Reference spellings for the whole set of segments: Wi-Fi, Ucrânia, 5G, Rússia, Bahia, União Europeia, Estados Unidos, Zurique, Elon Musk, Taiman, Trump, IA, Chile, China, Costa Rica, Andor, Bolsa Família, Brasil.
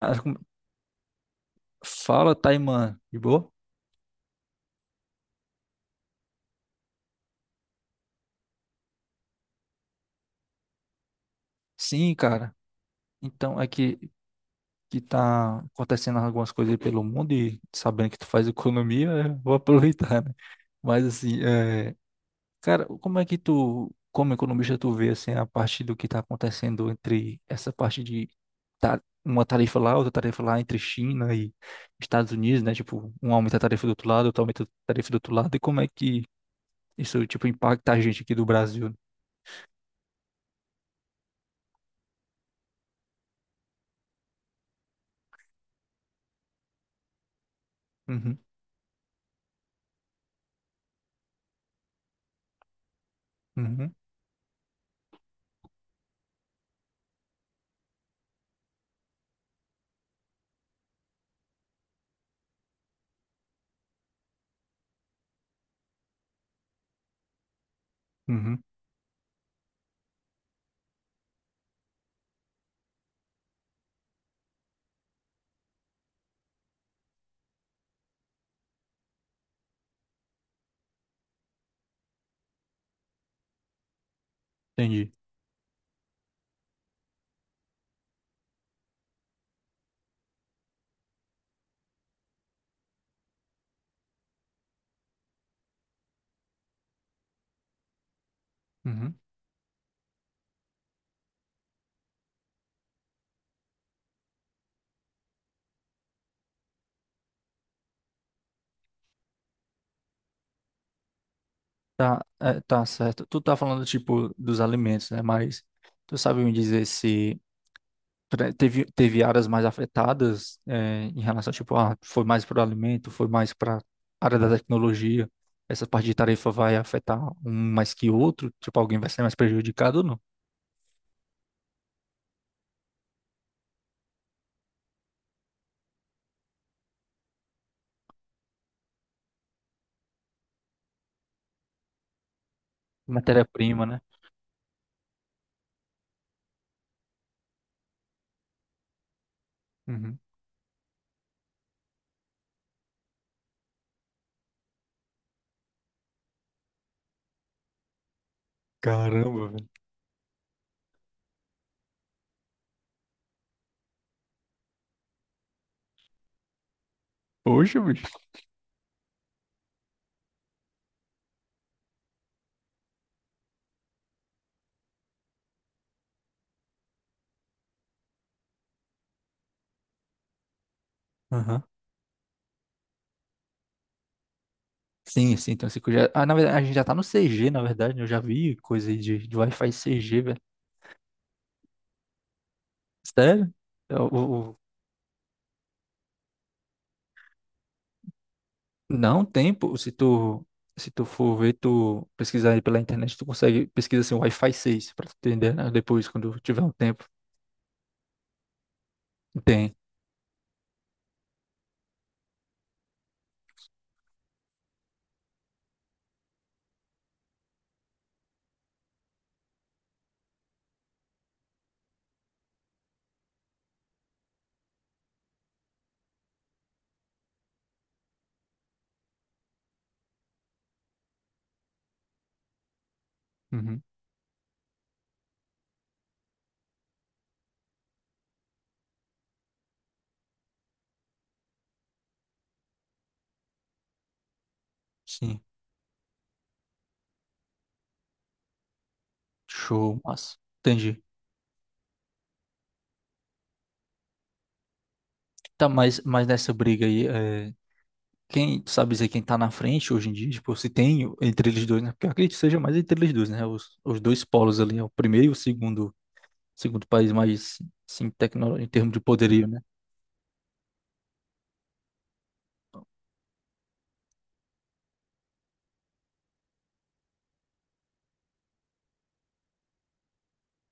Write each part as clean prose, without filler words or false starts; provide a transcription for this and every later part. Acho que- Fala, Taiman, de boa? Sim, cara. Então, é que, que tá acontecendo algumas coisas aí pelo mundo e sabendo que tu faz economia, eu vou aproveitar, né? Mas assim, cara, como economista, tu vê assim, a parte do que tá acontecendo entre essa parte de uma tarifa lá, outra tarifa lá entre China e Estados Unidos, né? Tipo, um aumenta a tarifa do outro lado, outro aumenta a tarifa do outro lado, e como é que isso, tipo, impacta a gente aqui do Brasil? Uhum, uhum, uhum. Entendi. Uhum. Tá, é, tá certo. Tu tá falando, tipo, dos alimentos, né? Mas tu sabe me dizer se teve áreas mais afetadas, é, em relação, tipo, ah, foi mais para o alimento, foi mais para área da tecnologia. Essa parte de tarefa vai afetar um mais que outro? Tipo, alguém vai ser mais prejudicado ou não? Matéria-prima, né? Uhum. Caramba, velho. Poxa, bicho. Aham. Sim, sim, então 5G. Ah, na verdade, a gente já tá no CG, na verdade, né? Eu já vi coisa aí de Wi-Fi CG, velho. Sério? É, O, o- Não tem, pô. Se tu for ver, tu pesquisar aí pela internet, tu consegue pesquisar assim, Wi-Fi 6 pra tu entender, né? Depois, quando tiver um tempo. Tem. Uhum. Sim. Show, massa. Entendi. Tá, mas nessa briga aí, é, tu sabe dizer quem tá na frente hoje em dia? Tipo, se tem o- entre eles dois, né? Porque eu acredito que seja mais entre eles dois, né? Os dois polos ali, é o primeiro e o segundo, segundo país mais, sim, tecno, em termos de poderio, né?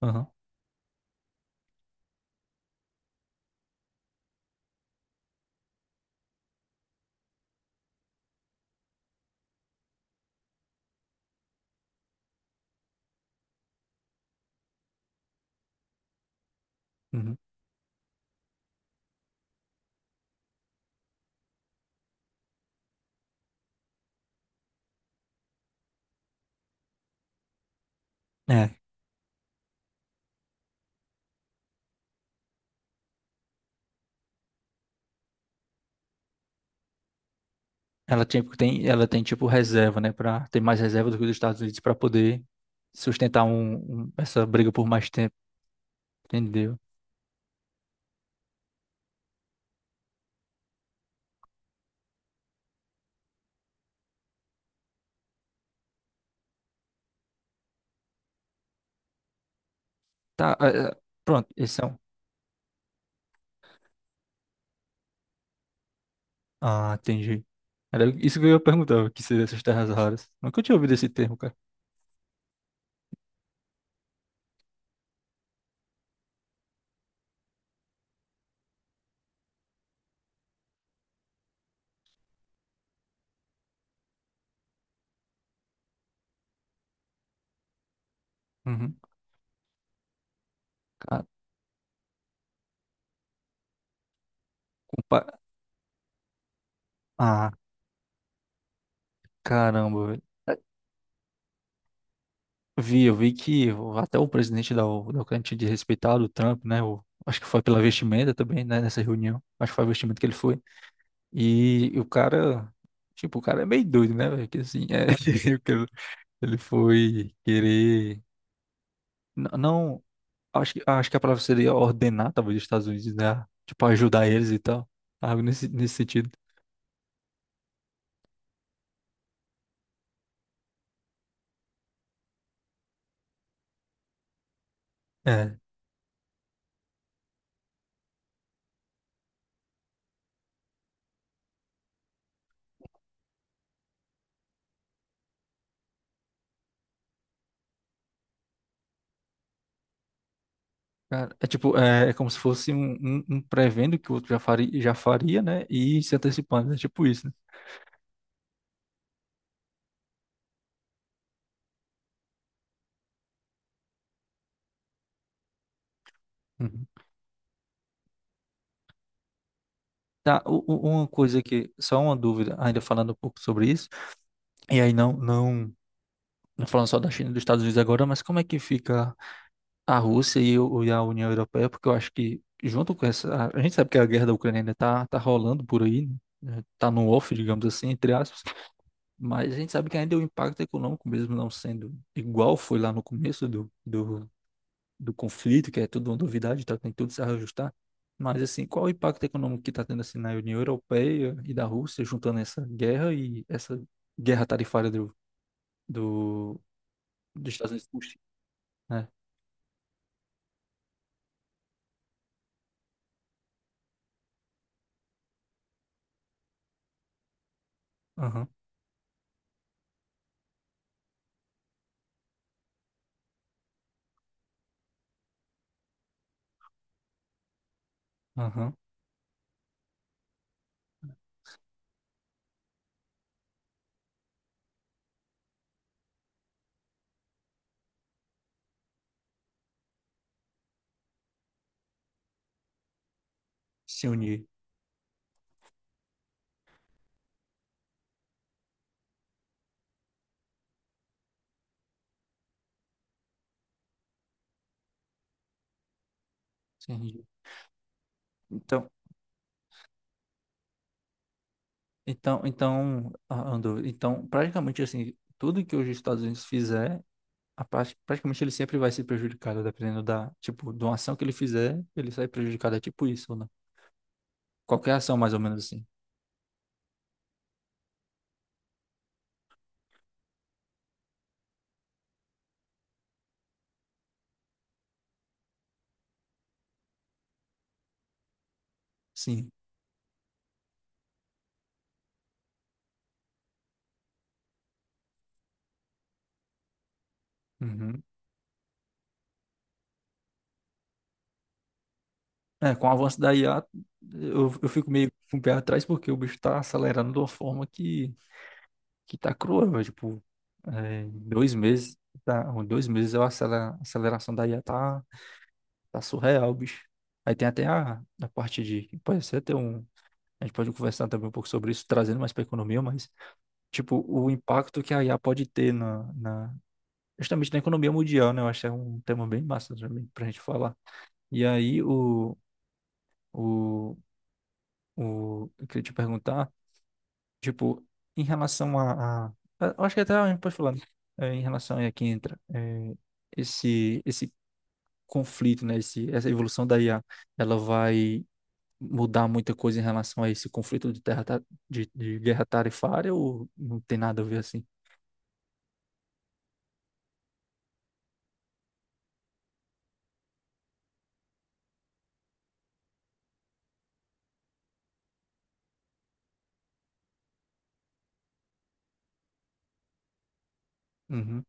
Aham, uhum. É, ela tem tipo reserva, né? Pra, tem mais reserva do que os Estados Unidos para poder sustentar essa briga por mais tempo, entendeu? Tá, pronto, esses são. Ah, entendi. Era isso que eu ia perguntar, o que seria essas terras raras. Nunca tinha ouvido esse termo, cara. Uhum. Ca- o pa- Ah, caramba, velho. É, Vi, eu vi até o presidente da Ucrânia tinha de respeitar o Trump, né? O, acho que foi pela vestimenta também, né? Nessa reunião. Acho que foi a vestimenta que ele foi. E o cara, tipo, o cara é meio doido, né, velho? Que assim, é, ele ele foi querer. Não, acho que a palavra seria ordenar, talvez, os Estados Unidos, né? Tipo, ajudar eles e tal. Algo nesse, nesse sentido. É. Cara, é tipo, é, é como se fosse um prevendo que o outro já faria, né? E se antecipando. É tipo isso, né? Uhum. Tá, uma coisa que, só uma dúvida, ainda falando um pouco sobre isso. E aí não falando só da China e dos Estados Unidos agora, mas como é que fica a Rússia e a União Europeia, porque eu acho que, junto com essa. A gente sabe que a guerra da Ucrânia ainda tá rolando por aí, né? Tá no off, digamos assim, entre aspas. Mas a gente sabe que ainda o impacto econômico, mesmo não sendo igual foi lá no começo do conflito, que é tudo uma novidade, tá? Tem tudo que se ajustar. Mas, assim, qual o impacto econômico que está tendo assim, na União Europeia e da Rússia, juntando essa guerra e essa guerra tarifária do, dos Estados Unidos com o Chile, né? Aham, aham. Se unir. Sim. Então, então, ah, Andor, então, praticamente assim, tudo que os Estados Unidos fizer, praticamente ele sempre vai ser prejudicado, dependendo da, tipo, de uma ação que ele fizer, ele sai prejudicado, é tipo isso, né? Qualquer ação, mais ou menos assim. Sim. Uhum. É, com o avanço da IA, eu fico meio com o pé atrás, porque o bicho tá acelerando de uma forma que tá cruel, é, tipo, é, em dois meses, tá, em dois meses a aceleração da IA tá tá surreal, bicho. Aí tem até a parte de. Pode ser até um. A gente pode conversar também um pouco sobre isso, trazendo mais para economia, mas, tipo, o impacto que a IA pode ter justamente na economia mundial, né? Eu acho que é um tema bem massa também para a gente falar. E aí, o, eu queria te perguntar, tipo, em relação eu acho que até a gente pode falar, né? É, em relação a quem entra, é, esse conflito, né? Esse, essa evolução da IA, ela vai mudar muita coisa em relação a esse conflito de, de guerra tarifária ou não tem nada a ver assim? Uhum.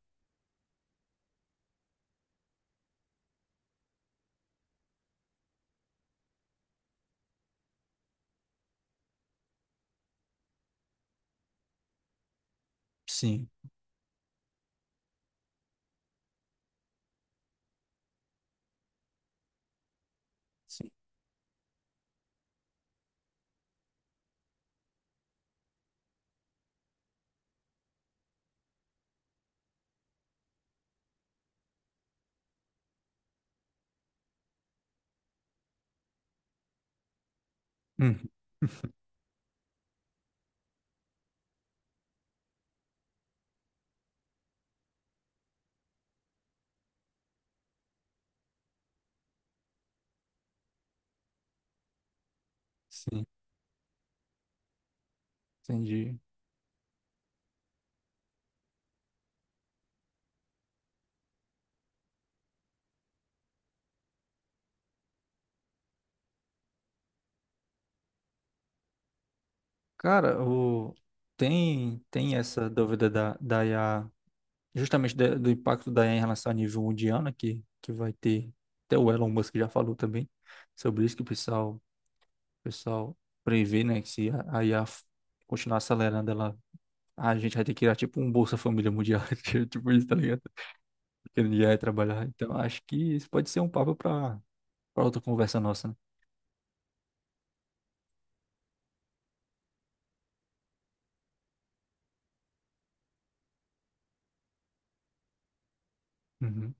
Sim, sim. Uhum. Sim, entendi. Cara, o... tem, tem essa dúvida da I a justamente do impacto da IA em relação ao nível mundial, né, que vai ter, até o Elon Musk já falou também sobre isso, que o pessoal prevê, né, que se a IA continuar acelerando, ela, a gente vai ter que criar tipo um Bolsa Família Mundial, tipo isso, tá ligado? Que ninguém vai trabalhar. Então, acho que isso pode ser um papo para para outra conversa nossa, né? Uhum.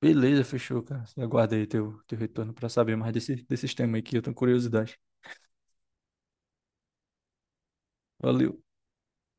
Beleza, fechou, cara. Aguarda aí teu, teu retorno para saber mais desse, desse tema aí que eu tenho curiosidade. Valeu.